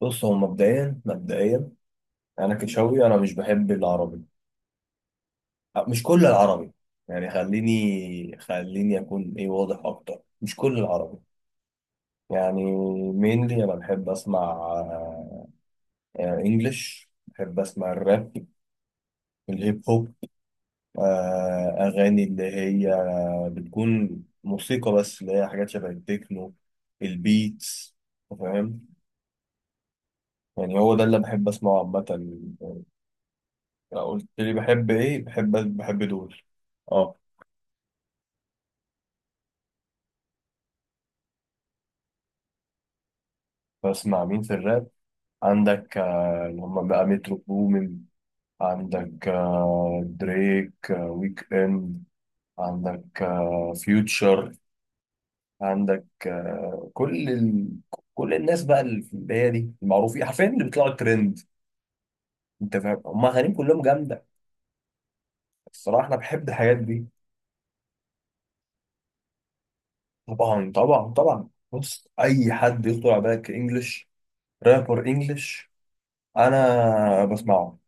بص، هو مبدئيا انا كشاوي، انا مش بحب العربي. مش كل العربي. يعني خليني اكون واضح اكتر، مش كل العربي يعني. مينلي انا بحب اسمع انجلش، بحب اسمع الراب، الهيب هوب. اغاني اللي هي بتكون موسيقى، بس اللي هي حاجات شبه التكنو، البيتس. فاهم؟ يعني هو ده اللي بحب اسمعه عامة. قلت لي بحب ايه؟ بحب دول. اه، بسمع مين في الراب؟ عندك اللي هم بقى مترو بومين، عندك دريك، ويك اند، عندك فيوتشر، عندك كل الناس بقى اللي في البداية دي، المعروفين حرفيا، اللي بيطلعوا ترند. انت فاهم، هم اغانيهم كلهم جامدة. الصراحة انا بحب الحاجات دي. طبعا طبعا طبعا، بص، اي حد يخطر على بالك انجلش، رابر انجلش، انا بسمعه.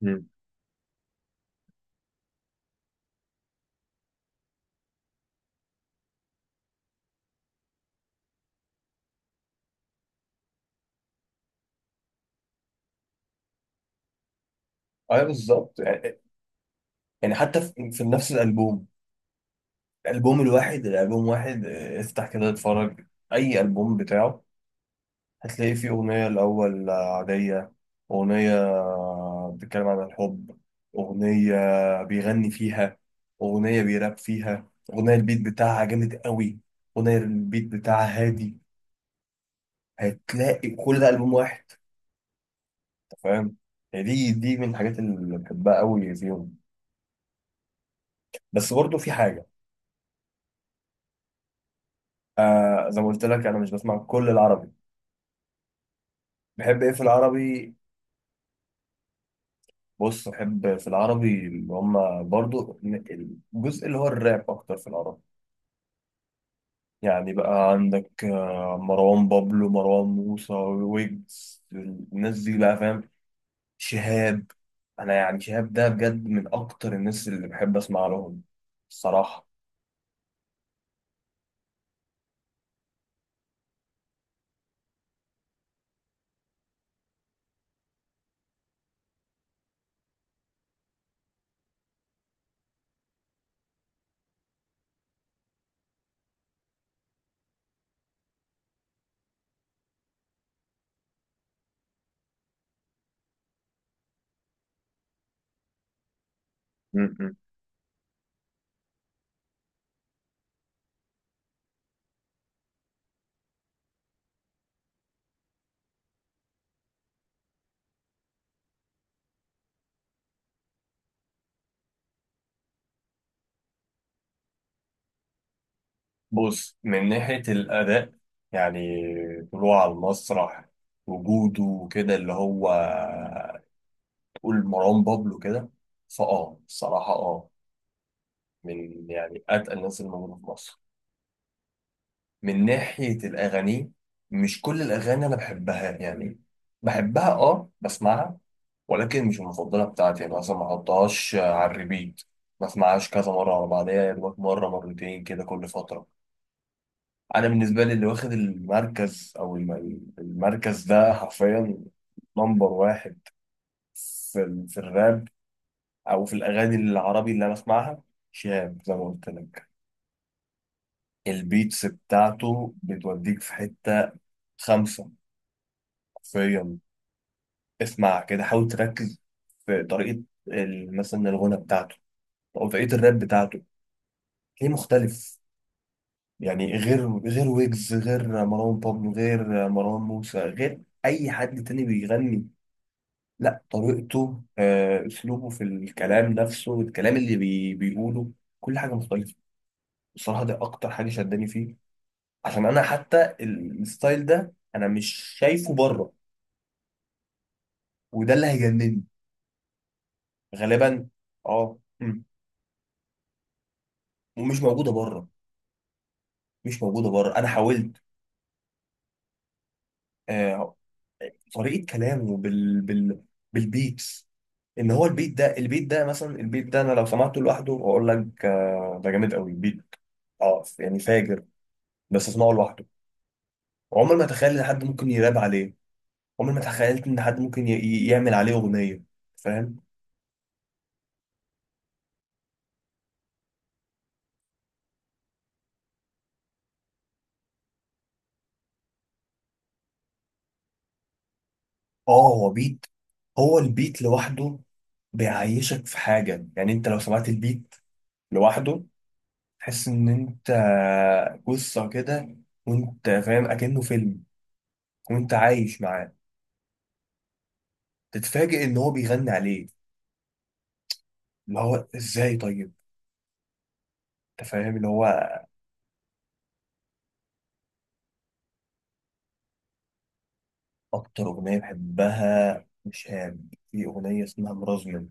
مم. ايوه بالظبط يعني حتى في نفس الالبوم، البوم الواحد، الالبوم واحد، افتح كده اتفرج اي البوم بتاعه، هتلاقي فيه اغنيه الاول عاديه، اغنيه بتتكلم عن الحب، اغنيه بيغني فيها، اغنيه بيراب فيها، اغنيه البيت بتاعها جامد قوي، اغنيه البيت بتاعها هادي، هتلاقي كل ده البوم واحد. أنت فاهم؟ يعني دي من الحاجات اللي بحبها قوي فيهم. بس برضه في حاجه. آه، زي ما قلت لك، انا مش بسمع كل العربي. بحب ايه في العربي؟ بص، بحب في العربي اللي هما برضو الجزء اللي هو الراب، أكتر في العربي. يعني بقى عندك مروان بابلو، مروان موسى، ويجز، الناس دي بقى، فاهم؟ شهاب، أنا يعني شهاب ده بجد من أكتر الناس اللي بحب أسمع لهم، الصراحة. م. بص، من ناحية الأداء، يعني طلوعه على المسرح، وجوده وكده، اللي هو تقول مروان بابلو كده، فأه الصراحة أه، من يعني اتقل الناس اللي موجوده في مصر. من ناحيه الاغاني، مش كل الاغاني انا بحبها يعني. بحبها، اه بسمعها، ولكن مش المفضله بتاعتي، يعني مثلا ما احطهاش على الريبيت، ما اسمعهاش كذا مره على بعضيها، يا دوبك مره مرتين كده كل فتره. انا بالنسبه لي اللي واخد المركز، او المركز ده حرفيا، نمبر واحد في في الراب، او في الاغاني العربي اللي انا بسمعها، شهاب زي ما قلت لك. البيتس بتاعته بتوديك في حتة خمسة، حرفيا. اسمع كده، حاول تركز في طريقة مثلا الغنى بتاعته، أو طريقة الراب بتاعته، ليه مختلف. يعني غير غير ويجز، غير مروان بابلو، غير مروان موسى، غير أي حد تاني بيغني. لا، طريقته، أسلوبه في الكلام، نفسه الكلام اللي بيقوله، كل حاجة مختلفة. بصراحة ده أكتر حاجة شداني فيه، عشان أنا حتى الستايل ده أنا مش شايفه بره. وده اللي هيجنني. غالبا. اه. مم. ومش موجوده بره، مش موجوده بره، انا حاولت. آه، طريقه كلامه بالبيتس، ان هو البيت ده، البيت ده مثلا، البيت ده انا لو سمعته لوحده اقول لك آه ده جامد قوي البيت، اه يعني فاجر، بس اسمعه لوحده عمر ما تخيل ان حد ممكن يراب عليه. عمر ما تخيلت ان حد ممكن يعمل عليه اغنيه. فاهم؟ اه، هو بيت، هو البيت لوحده بيعيشك في حاجه. يعني انت لو سمعت البيت لوحده، تحس ان انت قصة كده، وانت فاهم اكنه فيلم، وانت عايش معاه، تتفاجئ ان هو بيغني عليه، اللي هو ازاي طيب. انت فاهم اللي هو. اكتر اغنية بحبها مش هام، في اغنية اسمها مرازمن.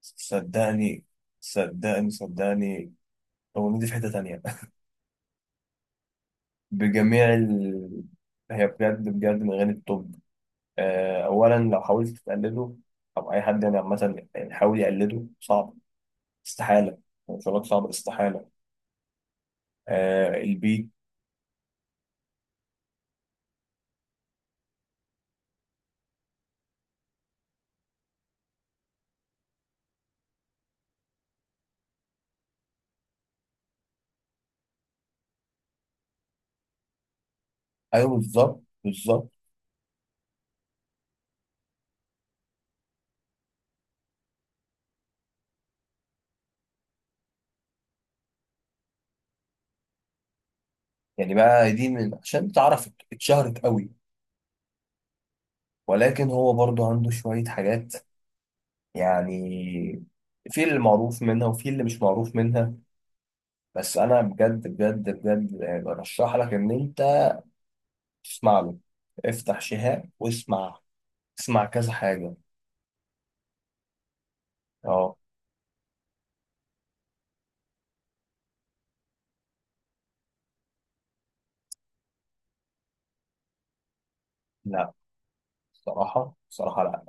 صدقني صدقني صدقني الاغنية دي في حتة تانية. بجميع هي بجد بجد من اغاني التوب. اولا لو حاولت تقلده، او اي حد يعني عامة يحاول يقلده، صعب، استحالة. مش هقول لك صعب، استحالة. آه البيت. ايوه بالظبط بالظبط. يعني بقى دي من عشان تعرف اتشهرت قوي. ولكن هو برضو عنده شوية حاجات يعني، في اللي معروف منها، وفي اللي مش معروف منها. بس انا بجد بجد بجد برشح لك ان انت تسمع له، افتح شهاب واسمع، اسمع كذا حاجة. اه، لا، بصراحة بصراحة لا.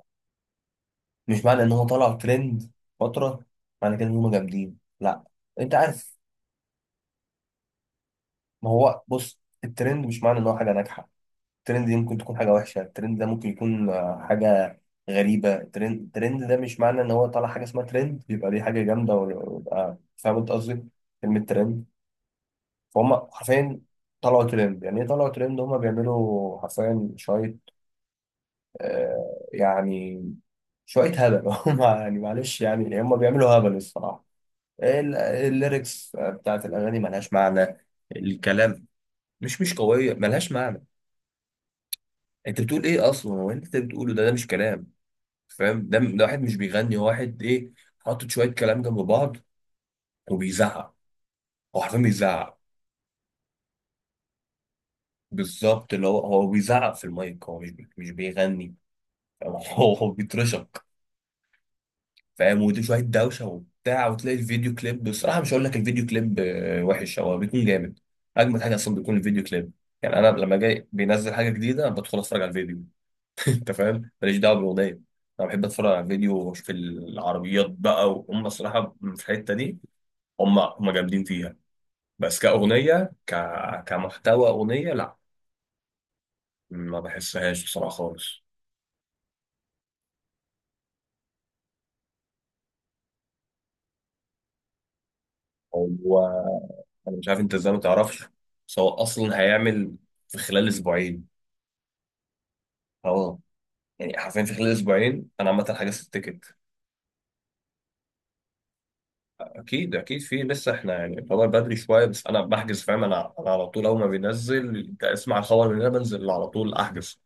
مش معنى ان هو طلع ترند فترة، معنى كده ان هم جامدين، لا. انت عارف، ما هو بص، الترند مش معنى ان هو حاجة ناجحة. الترند دي ممكن تكون حاجة وحشة، الترند ده ممكن يكون حاجة غريبة. الترند ده مش معنى ان هو طالع حاجة اسمها ترند يبقى دي حاجة جامدة، ويبقى فاهم انت قصدي، كلمة ترند، فهم حرفيا، طلعوا ترند يعني ايه؟ طلعوا ترند هم بيعملوا حرفيا شوية، آه، يعني شوية هبل. هم يعني معلش يعني، هم بيعملوا هبل الصراحة. الليركس بتاعت الأغاني ملهاش معنى، الكلام مش قوية، ملهاش معنى. انت بتقول ايه اصلا؟ هو انت بتقوله ده، ده مش كلام. فاهم؟ ده واحد مش بيغني، هو واحد ايه، حاطط شويه كلام جنب بعض وبيزعق. هو حرفيا بيزعق، بالظبط، اللي هو بيزعق في المايك، هو مش مش بيغني. فاهم؟ هو بيترشق. فاهم؟ ودي شويه دوشه وبتاع، وتلاقي الفيديو كليب بصراحه، مش هقول لك الفيديو كليب وحش، هو بيكون جامد. اجمد حاجه اصلا بيكون الفيديو كليب. يعني انا لما جاي بينزل حاجه جديده، انا بدخل اتفرج على الفيديو. انت فاهم، ماليش دعوه بالاغنيه، انا بحب اتفرج على الفيديو واشوف العربيات بقى. وهم الصراحه في الحته دي، هم جامدين فيها. بس كأغنية، كمحتوى أغنية، لا، ما بحسهاش بصراحة خالص. هو أنا مش عارف أنت إزاي ما تعرفش، بس هو أصلا هيعمل في خلال أسبوعين. أه، يعني حرفيا في خلال أسبوعين، أنا عامة حجزت التيكت. أكيد أكيد في لسه، إحنا يعني الخبر بدري شوية، بس أنا بحجز، فاهم؟ أنا أنا على طول، أول ما بينزل أسمع الخبر من هنا بنزل على طول أحجز.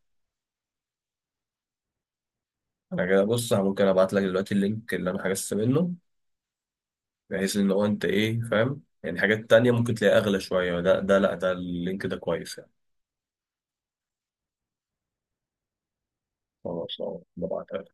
أنا كده، بص، أنا ممكن أبعت لك دلوقتي اللينك اللي أنا حجزت منه، بحيث ان هو انت ايه فاهم، يعني حاجات تانية ممكن تلاقيها اغلى شوية، ده ده لا، ده اللينك ده كويس يعني. خلاص، اه، ببعت.